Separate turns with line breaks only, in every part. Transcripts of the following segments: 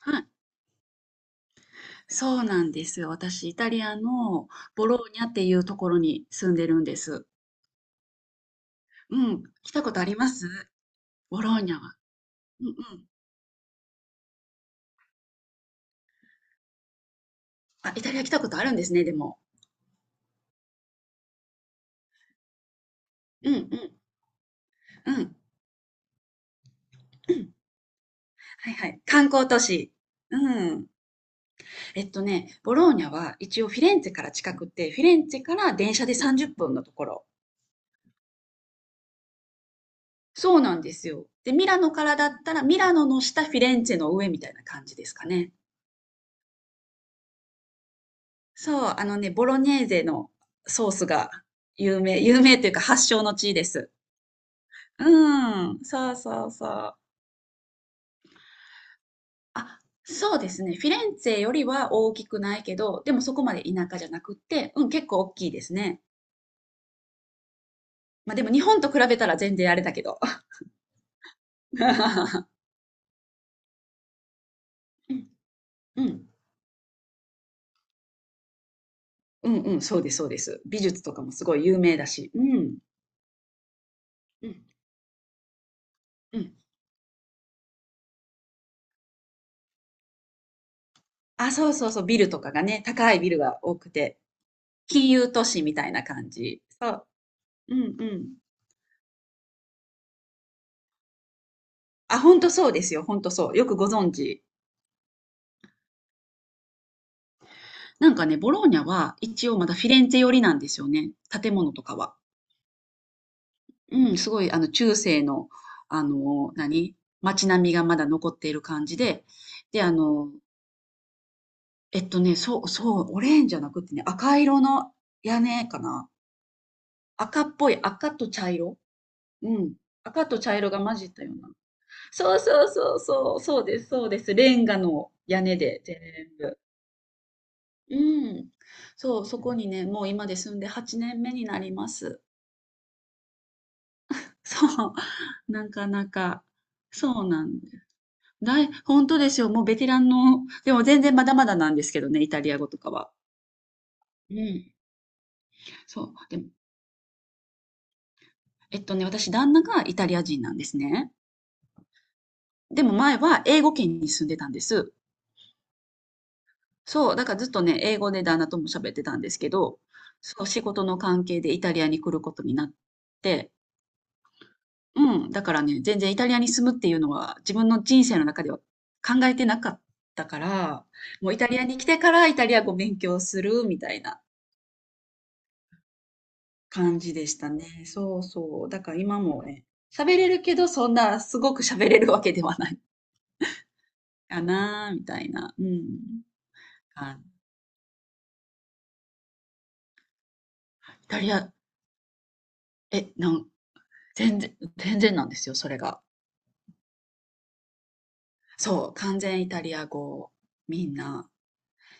はい、そうなんですよ。私、イタリアのボローニャっていうところに住んでるんです。うん、来たことありますボローニャは。うんうん。あ、イタリア来たことあるんですね、でも。うんうん。うん。うんはいはい。観光都市。うん。ボローニャは一応フィレンツェから近くて、フィレンツェから電車で30分のところ。そうなんですよ。で、ミラノからだったら、ミラノの下、フィレンツェの上みたいな感じですかね。そう、ボロネーゼのソースが有名というか発祥の地です。うん、そうそうそう。あ、そうですね。フィレンツェよりは大きくないけど、でもそこまで田舎じゃなくって、うん、結構大きいですね。まあでも日本と比べたら全然あれだけど。うん、うん、うん、うん、そうです、そうです。美術とかもすごい有名だし。うん、うん、うん。あ、そうそうそう、ビルとかがね、高いビルが多くて、金融都市みたいな感じ。そう、うん、うん。あ、ほんとそうですよ。ほんとそう。よくご存知。なんかね、ボローニャは一応まだフィレンツェ寄りなんですよね。建物とかは。うん、すごい、中世の、あの、何街並みがまだ残っている感じで。で、あの、そう、オレンジじゃなくてね、赤色の屋根かな。赤っぽい、赤と茶色。うん。赤と茶色が混じったような。そうです、そうです。レンガの屋根で、全部。うん。そう、そこにね、もう今で住んで8年目になります。そう、なかなか。そうなんです。本当ですよ、もうベテランのでも全然まだまだなんですけどね、イタリア語とかは。うん。そう、でも、私旦那がイタリア人なんですね。でも前は英語圏に住んでたんです。そう、だからずっとね、英語で旦那とも喋ってたんですけど、そう、仕事の関係でイタリアに来ることになって、うん、だからね、全然イタリアに住むっていうのは自分の人生の中では考えてなかったから、もうイタリアに来てからイタリア語勉強するみたいな感じでしたね。そうそう。だから今もね、喋れるけどそんなすごく喋れるわけではないかな、みたいな。うん。あ、イタリア、え、なん、全然なんですよ、それが。そう、完全イタリア語。みんな。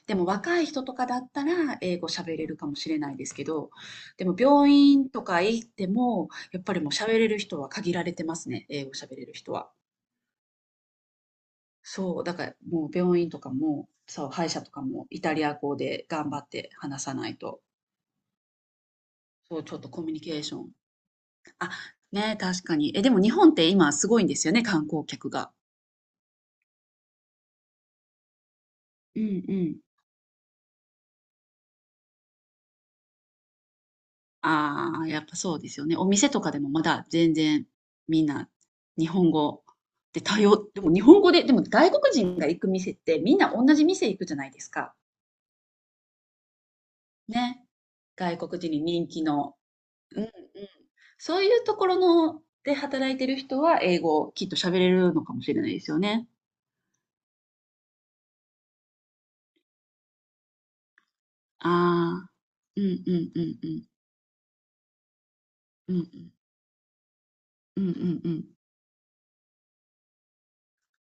でも若い人とかだったら英語喋れるかもしれないですけど、でも病院とか行っても、やっぱりもう喋れる人は限られてますね、英語喋れる人は。そう、だからもう病院とかも、そう、歯医者とかもイタリア語で頑張って話さないと、そう、ちょっとコミュニケーション。あ、ね、確かに。え、でも日本って今すごいんですよね、観光客が。うんうん。ああ、やっぱそうですよね。お店とかでもまだ全然みんな日本語で対応でも日本語で、でも外国人が行く店ってみんな同じ店行くじゃないですか。ね。外国人に人気の。うん。そういうところので働いてる人は英語をきっと喋れるのかもしれないですよね。ああ。うんうんうんうん。うんうん。うんうんうん。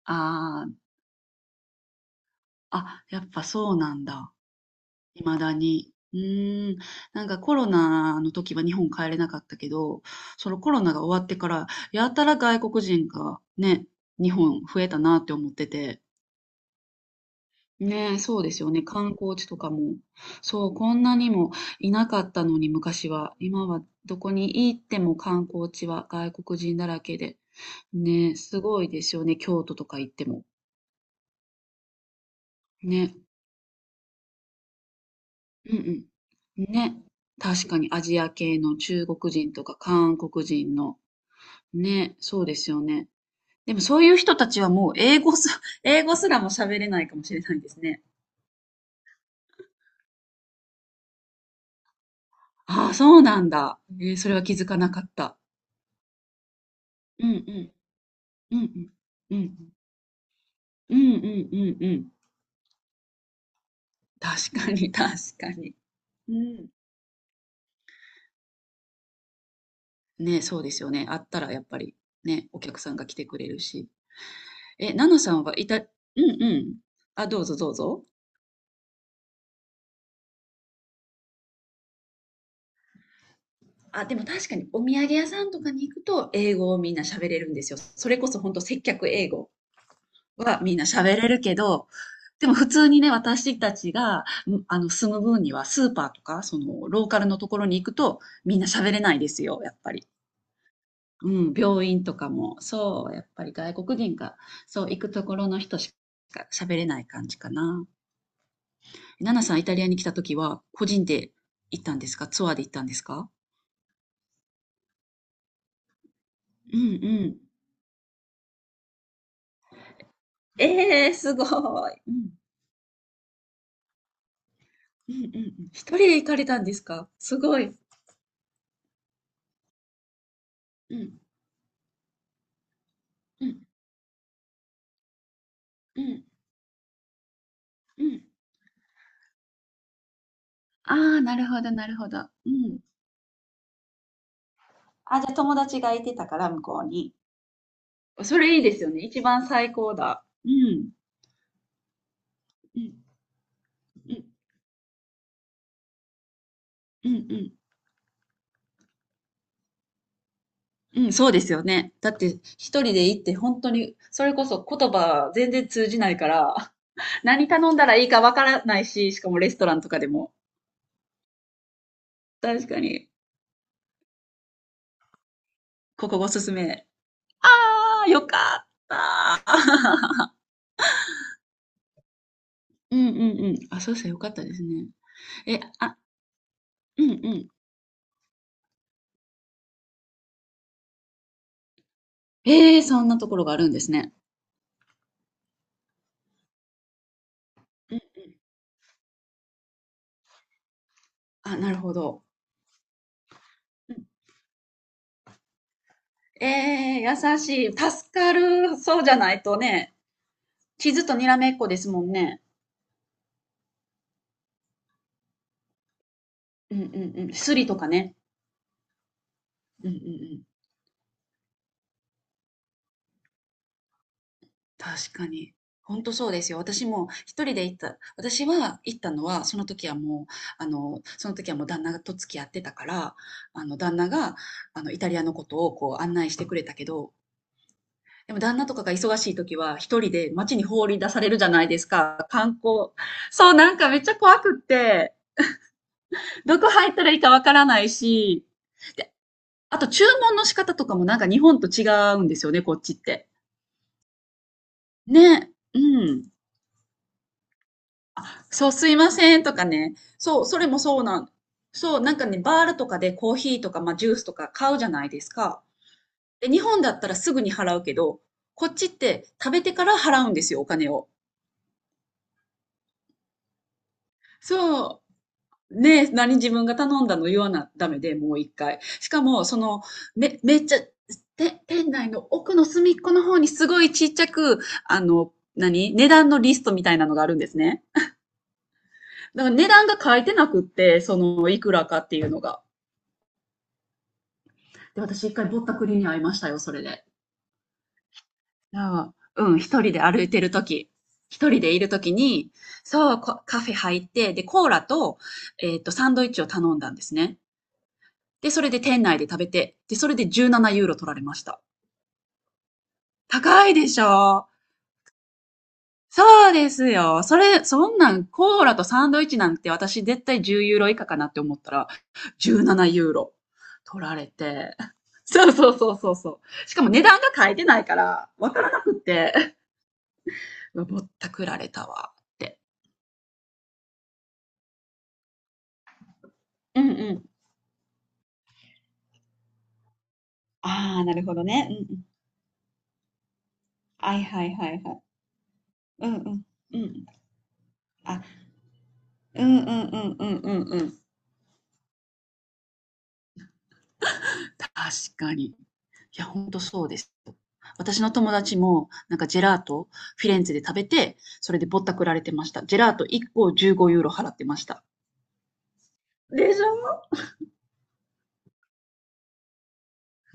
ああ、あ、やっぱそうなんだ。未だに。うーん、なんかコロナの時は日本帰れなかったけど、そのコロナが終わってから、やたら外国人がね、日本増えたなって思ってて。ねえ、そうですよね。観光地とかも。そう、こんなにもいなかったのに昔は。今はどこに行っても観光地は外国人だらけで。ねえ、すごいですよね。京都とか行っても。ね。うんうん。ね。確かにアジア系の中国人とか韓国人の。ね。そうですよね。でもそういう人たちはもう英語す、英語すらも喋れないかもしれないですね。ああ、そうなんだ。えー、それは気づかなかった。うんうん。うんうん。うんうんうんうんうん。確かに。うん。ね、そうですよね。あったらやっぱりね、お客さんが来てくれるし。え、ナナさんはイタ、うんうん。あ、どうぞどうぞ。あ、でも確かにお土産屋さんとかに行くと英語をみんな喋れるんですよ。それこそ本当接客英語はみんな喋れるけど、でも普通にね、私たちが、住む分にはスーパーとか、その、ローカルのところに行くとみんな喋れないですよ、やっぱり。うん、病院とかも、そう、やっぱり外国人が、そう、行くところの人しか喋れない感じかな。ナナさん、イタリアに来た時は、個人で行ったんですかツアーで行ったんですかうんうん。ええーすごい。うんうんうんうん。一人で行かれたんですか？すごい。うん。うん。うん。うん。ああ、なるほど。うん。あ、じゃ、友達がいてたから、向こうに。それいいですよね。一番最高だ。うん。うん。うん。うんうん。うん、そうですよね。だって、一人で行って本当に、それこそ言葉全然通じないから、何頼んだらいいかわからないし、しかもレストランとかでも。確かに、ここおすすめ。ああ、よかった。うんうんうん。あ、そうしたらよかったですね。え、あ、うんうん。ええ、そんなところがあるんですね。うん。あ、なるほど。うん。ええ、優しい。助かる。そうじゃないとね、傷とにらめっこですもんね。うんうんうん。スリとかね。うんうんうん。確かに。ほんとそうですよ。私は行ったのは、その時はもう、あの、その時はもう旦那と付き合ってたから、あの、旦那が、あの、イタリアのことをこう案内してくれたけどでも旦那とかが忙しい時は一人で街に放り出されるじゃないですか。観光。そう、なんかめっちゃ怖くって、どこ入ったらいいかわからないし、で、あと注文の仕方とかもなんか日本と違うんですよね、こっちって。ね。うん。そう、すいませんとかね。そう、それもそうなん。そう、バールとかでコーヒーとか、まあ、ジュースとか買うじゃないですか。で、日本だったらすぐに払うけど、こっちって食べてから払うんですよ、お金を。そう。ね、何自分が頼んだの言わなダメで、もう一回。しかも、その、め、めっちゃ、て、店内の奥の隅っこの方にすごいちっちゃく、値段のリストみたいなのがあるんですね。だから値段が書いてなくって、その、いくらかっていうのが。で、私一回ぼったくりに会いましたよ、それで。ああ、うん、一人で歩いてるとき、一人でいるときに、そう、こカフェ入って、で、コーラと、サンドイッチを頼んだんですね。で、それで店内で食べて、で、それで17ユーロ取られました。高いでしょそうですよ。それ、そんなん、コーラとサンドイッチなんて私絶対10ユーロ以下かなって思ったら、17ユーロ取られて。そう。しかも値段が書いてないから、わからなくって、うわぼったくられたわって。うんうん。ああ、なるほどね。うんうん。はいはいはいはい。うんうん。うん。あ、うんうんうんうんうんうん。確かに。いや、ほんとそうです。私の友達も、なんかジェラート、フィレンツェで食べて、それでぼったくられてました。ジェラート1個15ユーロ払ってました。でしょ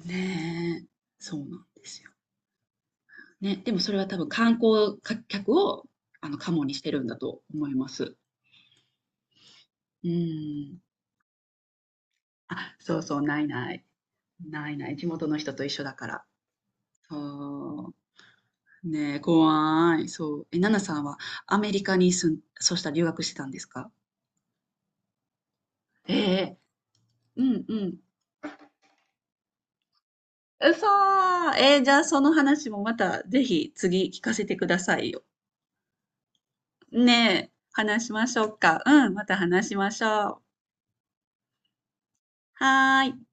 ねえ、そうなんですよ。ね、でもそれは多分観光客を、あの、カモにしてるんだと思います。うん。あ、そうそう、ないない。ないない。地元の人と一緒だから。そう。ねえ、怖い。そう。え、ナナさんはアメリカに住ん、そうしたら留学してたんですかええ、うんうん。うそー。えー、じゃあその話もまたぜひ次聞かせてくださいよ。ねえ、話しましょうか。うん、また話しましょう。はーい。